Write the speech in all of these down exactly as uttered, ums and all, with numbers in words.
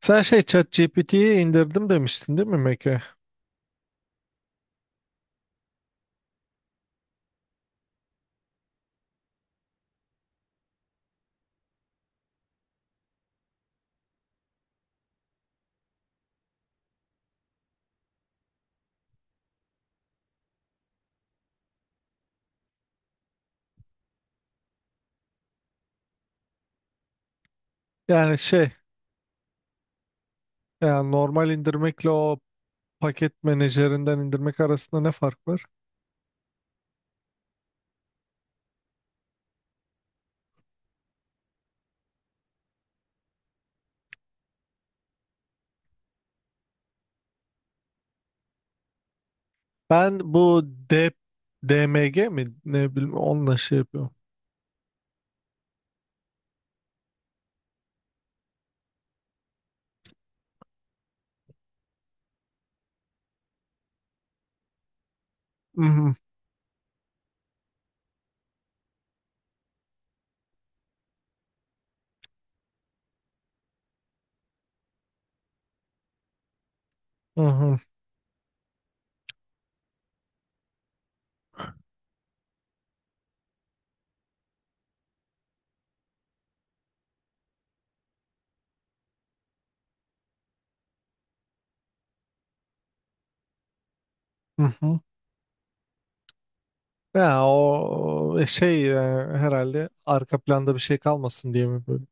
Sen şey ChatGPT'yi indirdim demiştin değil mi Meke? Yani şey yani normal indirmekle o paket menajerinden indirmek arasında ne fark var? Ben bu D, DMG mi ne bileyim onunla şey yapıyorum. Hı hı. Hı hı, hı hı. Ya o e, şey e, herhalde arka planda bir şey kalmasın diye mi böyle?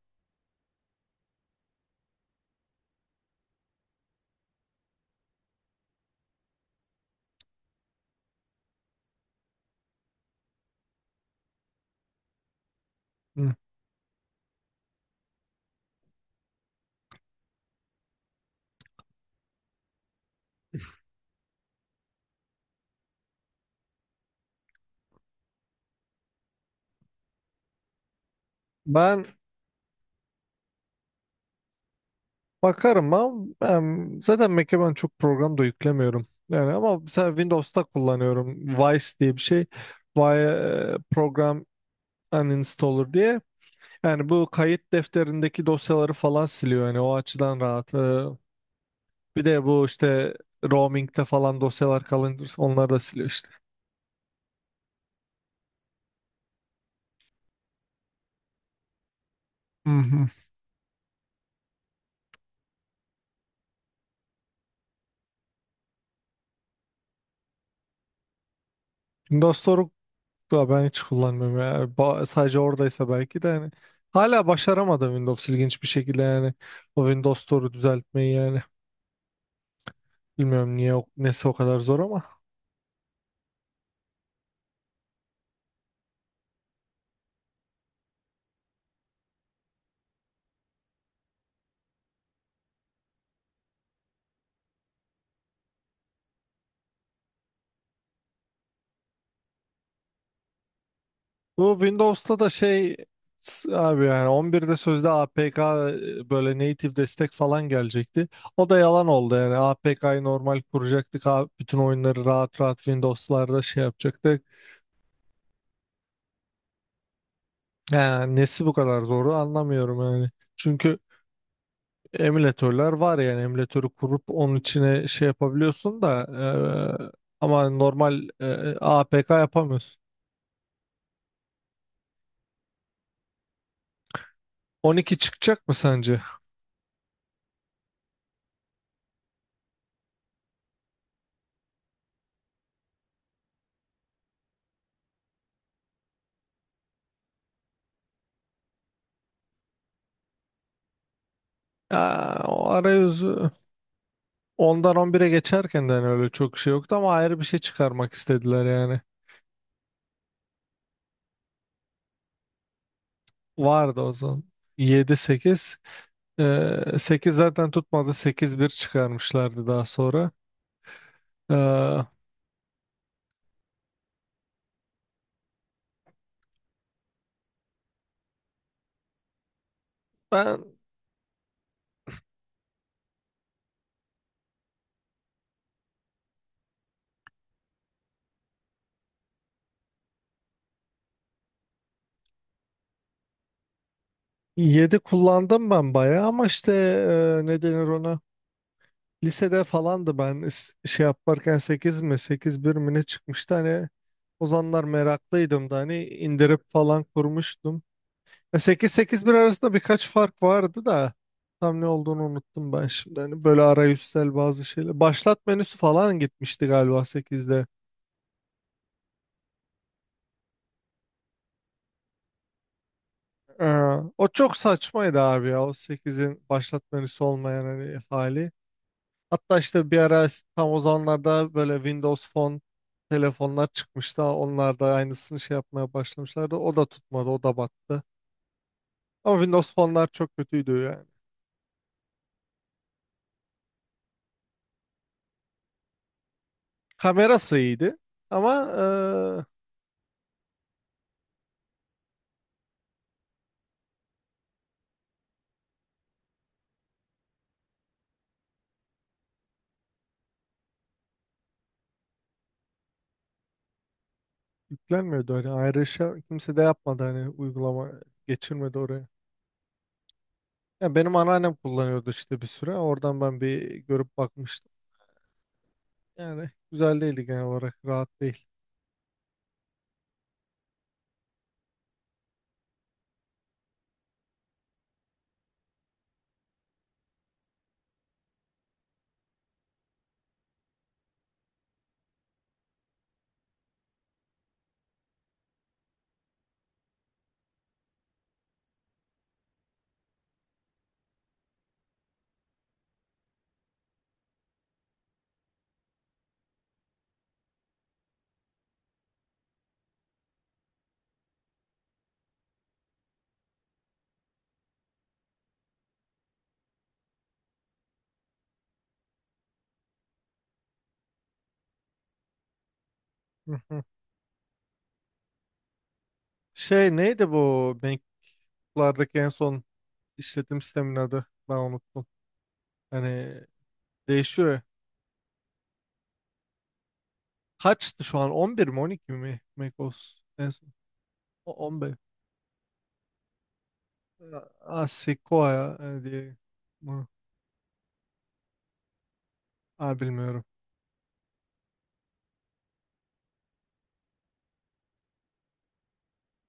Hı. Ben bakarım ama ben zaten Mac'e ben çok program da yüklemiyorum. Yani ama mesela Windows'ta kullanıyorum. Vice diye bir şey. Vice program uninstaller diye. Yani bu kayıt defterindeki dosyaları falan siliyor. Yani o açıdan rahat. Ee, Bir de bu işte roaming'de falan dosyalar kalınca onları da siliyor işte. Hı hı. Windows'u da ben hiç kullanmıyorum ya. Ba- sadece oradaysa belki de yani. Hala başaramadım Windows ilginç bir şekilde yani. O Windows Store'u düzeltmeyi yani. Bilmiyorum niye o- nesi o kadar zor ama. Bu Windows'ta da şey s- abi yani on birde sözde A P K e, böyle native destek falan gelecekti. O da yalan oldu yani A P K'yı normal kuracaktık. A- Bütün oyunları rahat rahat Windows'larda şey yapacaktık. Yani nesi bu kadar zoru anlamıyorum yani. Çünkü emülatörler var yani emülatörü kurup onun içine şey yapabiliyorsun da e, ama normal e, A P K yapamıyorsun. on iki çıkacak mı sence? Ya, o arayüzü ondan on bire geçerken de hani öyle çok şey yoktu ama ayrı bir şey çıkarmak istediler yani. Vardı o zaman. yedi sekiz. Ee, sekiz zaten tutmadı. sekiz bir çıkarmışlardı daha sonra. Ee, Ben yedi kullandım ben bayağı ama işte e, ne denir ona? Lisede falandı ben is- şey yaparken sekiz mi sekiz bir mi ne çıkmıştı hani o zamanlar meraklıydım da hani indirip falan kurmuştum. sekiz sekiz bir arasında birkaç fark vardı da tam ne olduğunu unuttum ben şimdi. Hani böyle arayüzsel bazı şeyler. Başlat menüsü falan gitmişti galiba sekizde. Ee, O çok saçmaydı abi ya o sekizin başlat menüsü olmayan hani hali. Hatta işte bir ara tam o zamanlarda böyle Windows Phone telefonlar çıkmıştı. Onlar da aynısını şey yapmaya başlamışlardı. O da tutmadı, o da battı. Ama Windows Phone'lar çok kötüydü yani. Kamerası iyiydi ama e, yüklenmiyordu. Hani ayrışa kimse de yapmadı hani uygulama geçirmedi oraya. Yani benim anneannem kullanıyordu işte bir süre. Oradan ben bir görüp bakmıştım. Yani güzel değildi genel olarak. Rahat değil. Hı hı. Şey neydi bu MacBook'lardaki en son işletim sistemin adı? Ben unuttum. Hani değişiyor ya. Kaçtı şu an? on bir mi on iki mi macOS? En son. O on beş. Aa, Sequoia e, diye. Bunu- Aa, bilmiyorum.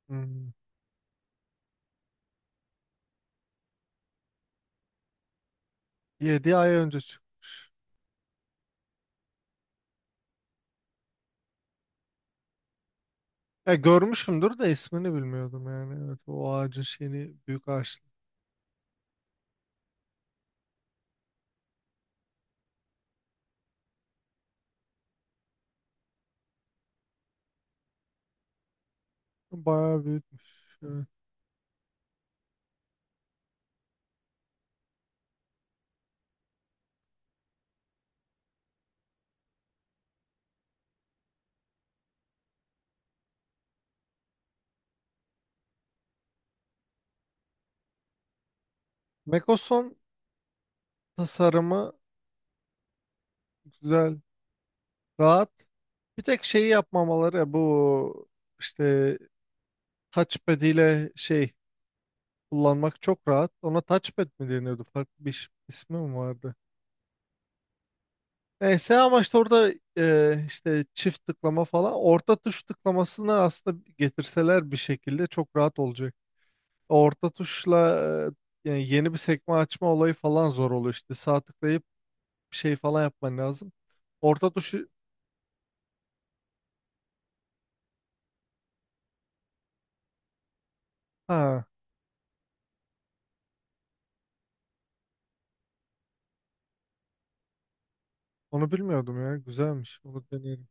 Hmm. yedi ay önce çıkmış. Ya görmüşümdür de ismini bilmiyordum yani. Evet o ağacın şeyini büyük ağaçlı. Bayağı büyükmüş. Evet. Mekoson tasarımı güzel, rahat. Bir tek şeyi yapmamaları bu işte touchpad ile şey kullanmak çok rahat. Ona touchpad mi deniyordu? Farklı bir iş- ismi mi vardı? Neyse ama işte orada e, işte çift tıklama falan orta tuş tıklamasını aslında getirseler bir şekilde çok rahat olacak. Orta tuşla e, yani yeni bir sekme açma olayı falan zor oluyor işte. Sağ tıklayıp bir şey falan yapman lazım. Orta tuşu Ha, onu bilmiyordum ya. Güzelmiş. Onu deneyelim.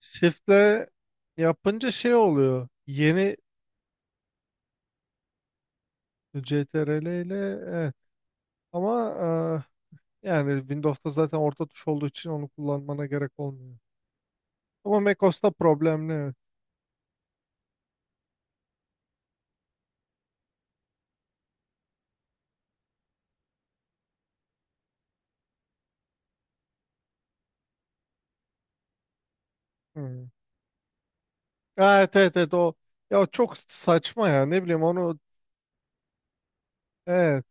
Shift'le yapınca şey oluyor. Yeni control ile evet. Ama e, yani Windows'ta zaten orta tuş olduğu için onu kullanmana gerek olmuyor. Ama macOS'ta problemli. Evet. Hmm. Ha, evet evet evet o ya o çok saçma ya ne bileyim onu evet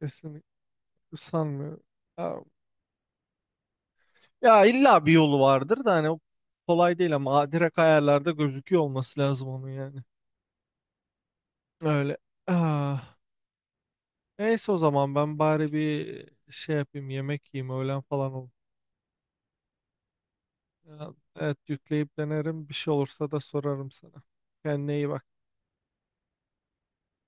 kesinlikle. Sanmıyorum. Ya, ya illa bir yolu vardır da hani o kolay değil ama adire kayalarda gözüküyor olması lazım onun yani. Öyle. Ah, neyse o zaman ben bari bir şey yapayım yemek yiyeyim öğlen falan olur. Ya, evet yükleyip denerim bir şey olursa da sorarım sana. Kendine iyi bak.